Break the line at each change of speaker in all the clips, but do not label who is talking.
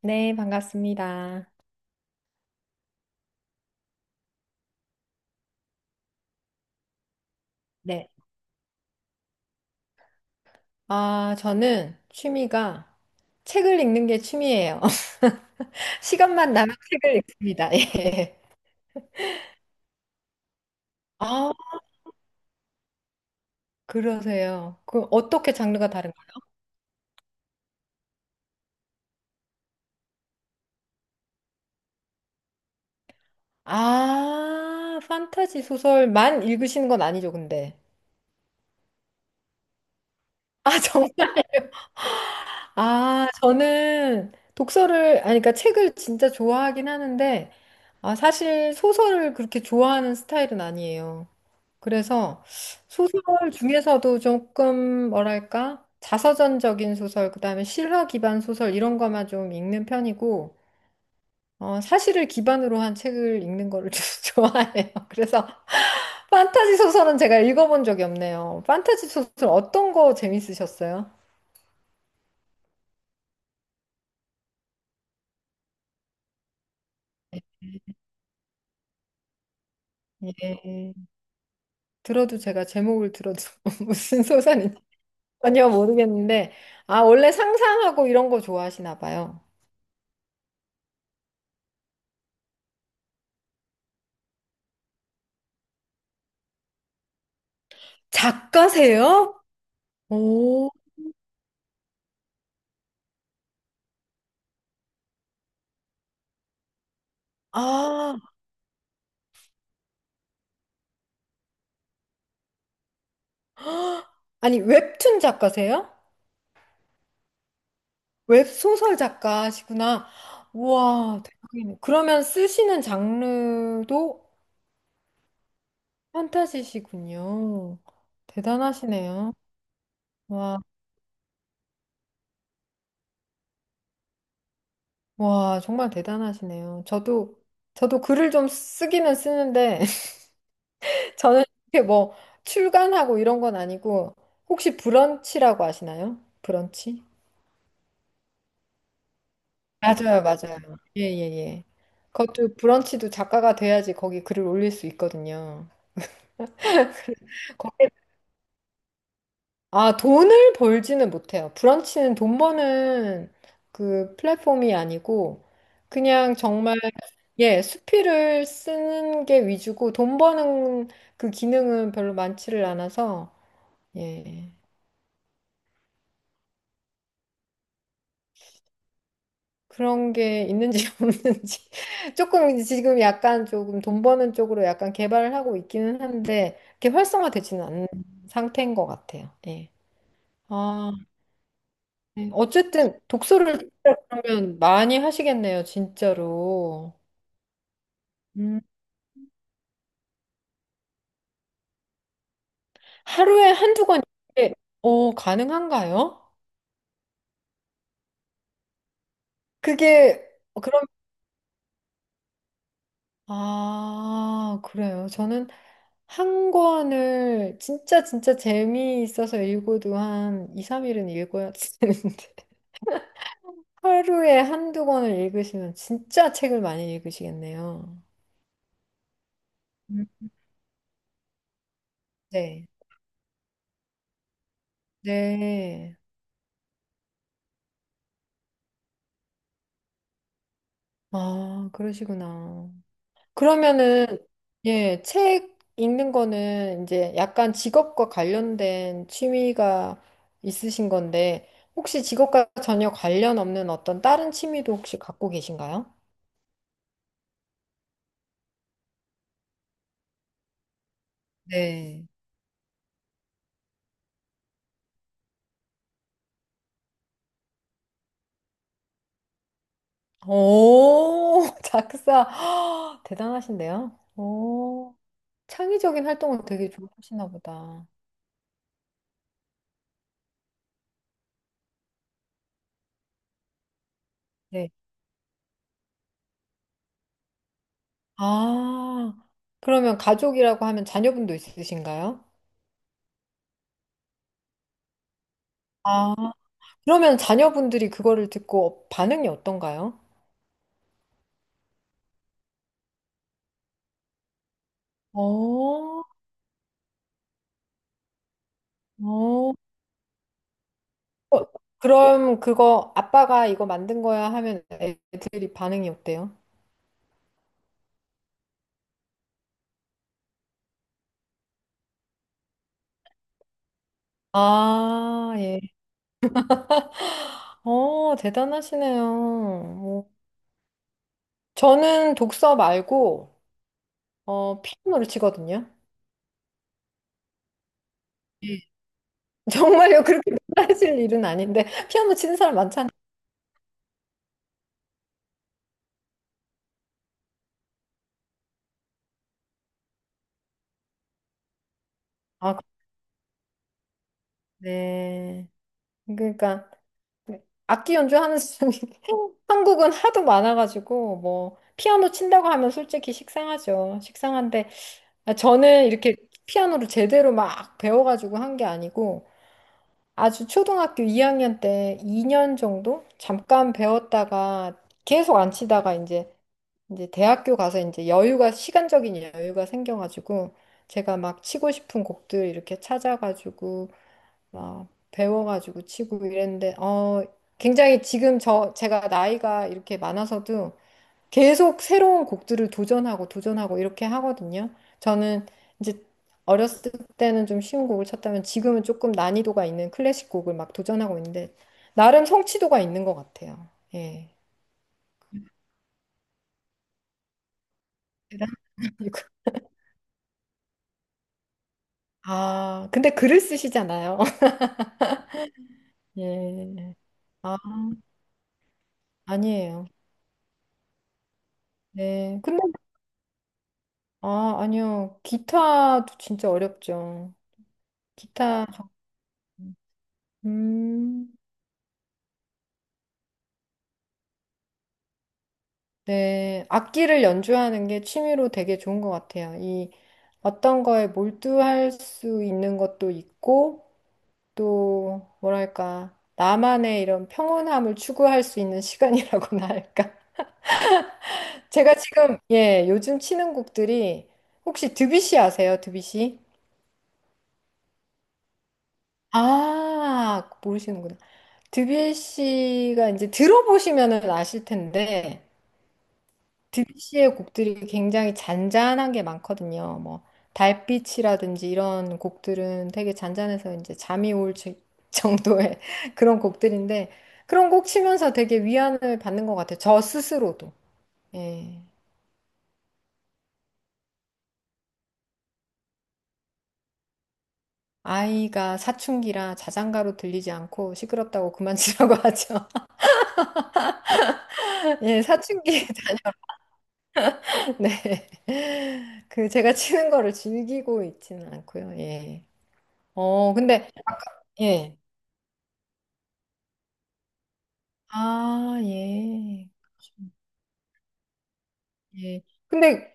네, 반갑습니다. 네. 아, 저는 취미가 책을 읽는 게 취미예요. 시간만 나면 책을 읽습니다. 예. 아, 그러세요. 그 어떻게 장르가 다른가요? 아, 판타지 소설만 읽으시는 건 아니죠, 근데. 아, 정말. 아, 저는 독서를, 아니, 그러니까 책을 진짜 좋아하긴 하는데, 아, 사실 소설을 그렇게 좋아하는 스타일은 아니에요. 그래서 소설 중에서도 조금 뭐랄까? 자서전적인 소설, 그다음에 실화 기반 소설 이런 거만 좀 읽는 편이고 어, 사실을 기반으로 한 책을 읽는 거를 좀 좋아해요. 그래서 판타지 소설은 제가 읽어본 적이 없네요. 판타지 소설 어떤 거 재밌으셨어요? 예, 들어도 제가 제목을 들어도 무슨 소설인지 전혀 모르겠는데 아, 원래 상상하고 이런 거 좋아하시나 봐요. 작가세요? 오, 아, 아니, 웹툰 작가세요? 웹소설 작가시구나. 우와, 대박이네. 그러면 쓰시는 장르도 판타지시군요. 대단하시네요. 와, 와, 정말 대단하시네요. 저도, 글을 좀 쓰기는 쓰는데, 저는 이렇게 뭐, 출간하고 이런 건 아니고, 혹시 브런치라고 아시나요? 브런치? 맞아요, 맞아요. 예, 예, 예. 그것도 브런치도 작가가 돼야지 거기 글을 올릴 수 있거든요. 아, 돈을 벌지는 못해요. 브런치는 돈 버는 그 플랫폼이 아니고, 그냥 정말, 예, 수필을 쓰는 게 위주고, 돈 버는 그 기능은 별로 많지를 않아서, 예. 그런 게 있는지 없는지. 조금 지금 약간 조금 돈 버는 쪽으로 약간 개발을 하고 있기는 한데, 그렇게 활성화되지는 않는 상태인 것 같아요. 예. 아. 네, 어쨌든 독서를 진짜 그러면 많이 하시겠네요, 진짜로. 음, 하루에 한두 권 이게 가능한가요? 그게 어, 그럼 아, 그래요. 저는 한 권을 진짜 진짜 재미있어서 읽어도 한 2, 3일은 읽어야 되는데 하루에 한두 권을 읽으시면 진짜 책을 많이 읽으시겠네요. 음. 네. 네. 아, 그러시구나. 그러면은, 예, 책 읽는 거는 이제 약간 직업과 관련된 취미가 있으신 건데, 혹시 직업과 전혀 관련 없는 어떤 다른 취미도 혹시 갖고 계신가요? 네. 오, 작사. 대단하신데요? 오, 창의적인 활동을 되게 좋아하시나 보다. 네. 아, 그러면 가족이라고 하면 자녀분도 있으신가요? 아, 그러면 자녀분들이 그거를 듣고 반응이 어떤가요? 어, 어. 어, 그럼 그거 아빠가 이거 만든 거야 하면 애들이 반응이 어때요? 아, 예. 어, 대단하시네요. 뭐, 저는 독서 말고, 어, 피아노를 치거든요. 예. 정말요, 그렇게 놀라실 일은 아닌데, 피아노 치는 사람 많잖아요. 아, 네. 그러니까, 악기 연주하는 사람이 한국은 하도 많아가지고, 뭐, 피아노 친다고 하면 솔직히 식상하죠. 식상한데, 아, 저는 이렇게 피아노를 제대로 막 배워가지고 한 게 아니고 아주 초등학교 2학년 때 2년 정도 잠깐 배웠다가 계속 안 치다가 이제 대학교 가서 이제 여유가 시간적인 여유가 생겨가지고 제가 막 치고 싶은 곡들 이렇게 찾아가지고 막 배워가지고 치고 이랬는데 어 굉장히 지금 제가 나이가 이렇게 많아서도 계속 새로운 곡들을 도전하고 도전하고 이렇게 하거든요. 저는 이제 어렸을 때는 좀 쉬운 곡을 쳤다면 지금은 조금 난이도가 있는 클래식 곡을 막 도전하고 있는데 나름 성취도가 있는 것 같아요. 예. 대단하시고. 아, 근데 글을 쓰시잖아요. 예. 아, 아니에요. 네. 근데 아, 아니요. 기타도 진짜 어렵죠. 기타 음, 네. 악기를 연주하는 게 취미로 되게 좋은 것 같아요. 이 어떤 거에 몰두할 수 있는 것도 있고, 또, 뭐랄까, 나만의 이런 평온함을 추구할 수 있는 시간이라고나 할까. 제가 지금, 예, 요즘 치는 곡들이, 혹시 드뷔시 아세요? 드뷔시? 아, 모르시는구나. 드뷔시가 이제 들어보시면은 아실 텐데, 드뷔시의 곡들이 굉장히 잔잔한 게 많거든요. 뭐 달빛이라든지 이런 곡들은 되게 잔잔해서 이제 잠이 올 정도의 그런 곡들인데 그런 곡 치면서 되게 위안을 받는 것 같아요. 저 스스로도. 예. 아이가 사춘기라 자장가로 들리지 않고 시끄럽다고 그만 치라고 하죠. 예, 사춘기 자녀. 네. 그 제가 치는 거를 즐기고 있지는 않고요. 예. 어, 근데 예. 아, 예. 예. 근데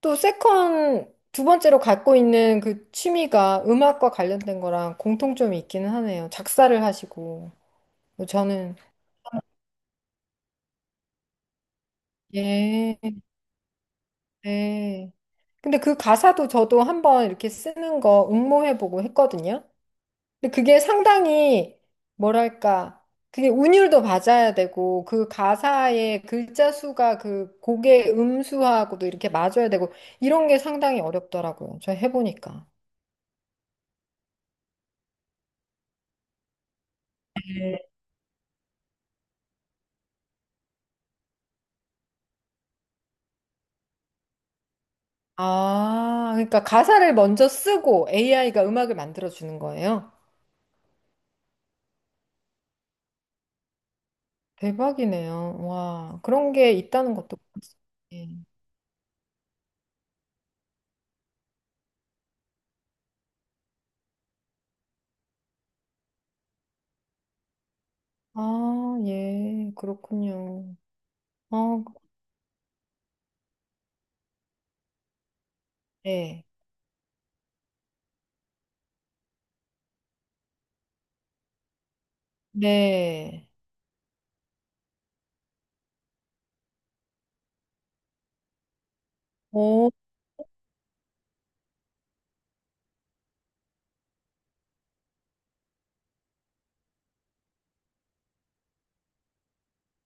또 세컨 두 번째로 갖고 있는 그 취미가 음악과 관련된 거랑 공통점이 있기는 하네요. 작사를 하시고. 뭐 저는 예. 네. 근데 그 가사도 저도 한번 이렇게 쓰는 거 응모해보고 했거든요. 근데 그게 상당히 뭐랄까 그게 운율도 맞아야 되고 그 가사의 글자 수가 그 곡의 음수하고도 이렇게 맞아야 되고 이런 게 상당히 어렵더라고요. 저 해보니까. 네. 아, 그러니까 가사를 먼저 쓰고 AI가 음악을 만들어 주는 거예요? 대박이네요. 와, 그런 게 있다는 것도 몰랐어요. 예. 아, 예, 그렇군요. 어, 네. 네. 오,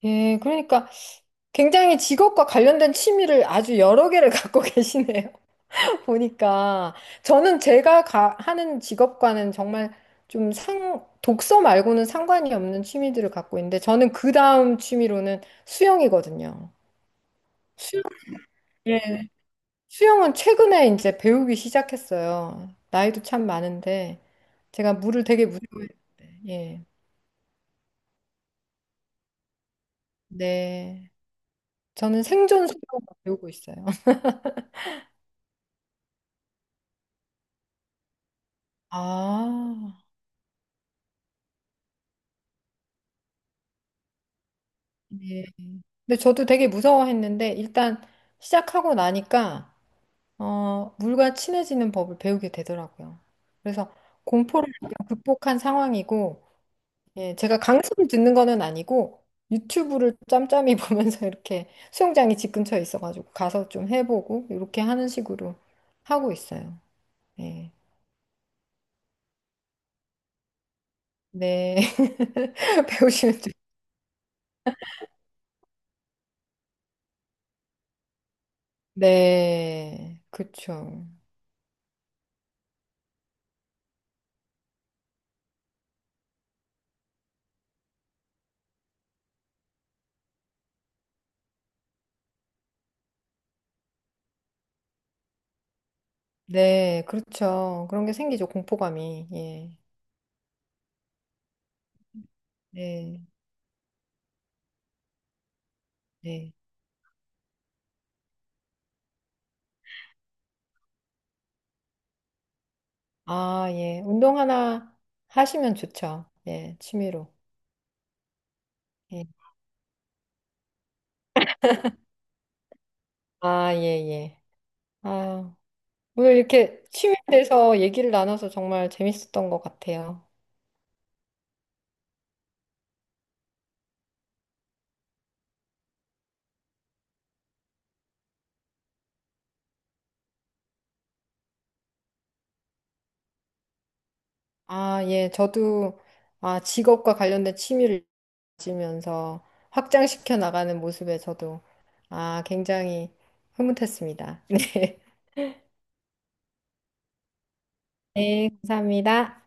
예, 그러니까 굉장히 직업과 관련된 취미를 아주 여러 개를 갖고 계시네요. 보니까. 저는 제가 하는 직업과는 정말 좀 독서 말고는 상관이 없는 취미들을 갖고 있는데, 저는 그 다음 취미로는 수영이거든요. 수영, 예. 수영은 최근에 이제 배우기 시작했어요. 나이도 참 많은데, 제가 물을 되게 무서워했는데, 예. 네. 저는 생존 수영을 배우고 있어요. 아, 네. 근데 저도 되게 무서워했는데 일단 시작하고 나니까 어, 물과 친해지는 법을 배우게 되더라고요. 그래서 공포를 약간 극복한 상황이고 예, 제가 강습을 듣는 거는 아니고 유튜브를 짬짬이 보면서 이렇게 수영장이 집 근처에 있어가지고 가서 좀 해보고 이렇게 하는 식으로 하고 있어요. 예. 네. 배우시면 좀. 네. 그렇죠. 네. 그렇죠. 그런 게 생기죠. 공포감이. 예. 네. 네. 아, 예. 운동 하나 하시면 좋죠. 예, 취미로. 예. 아, 예, 예. 아, 오늘 이렇게 취미에 대해서 얘기를 나눠서 정말 재밌었던 것 같아요. 아, 예. 저도 아, 직업과 관련된 취미를 가지면서 확장시켜 나가는 모습에 저도 아, 굉장히 흐뭇했습니다. 네. 네, 감사합니다.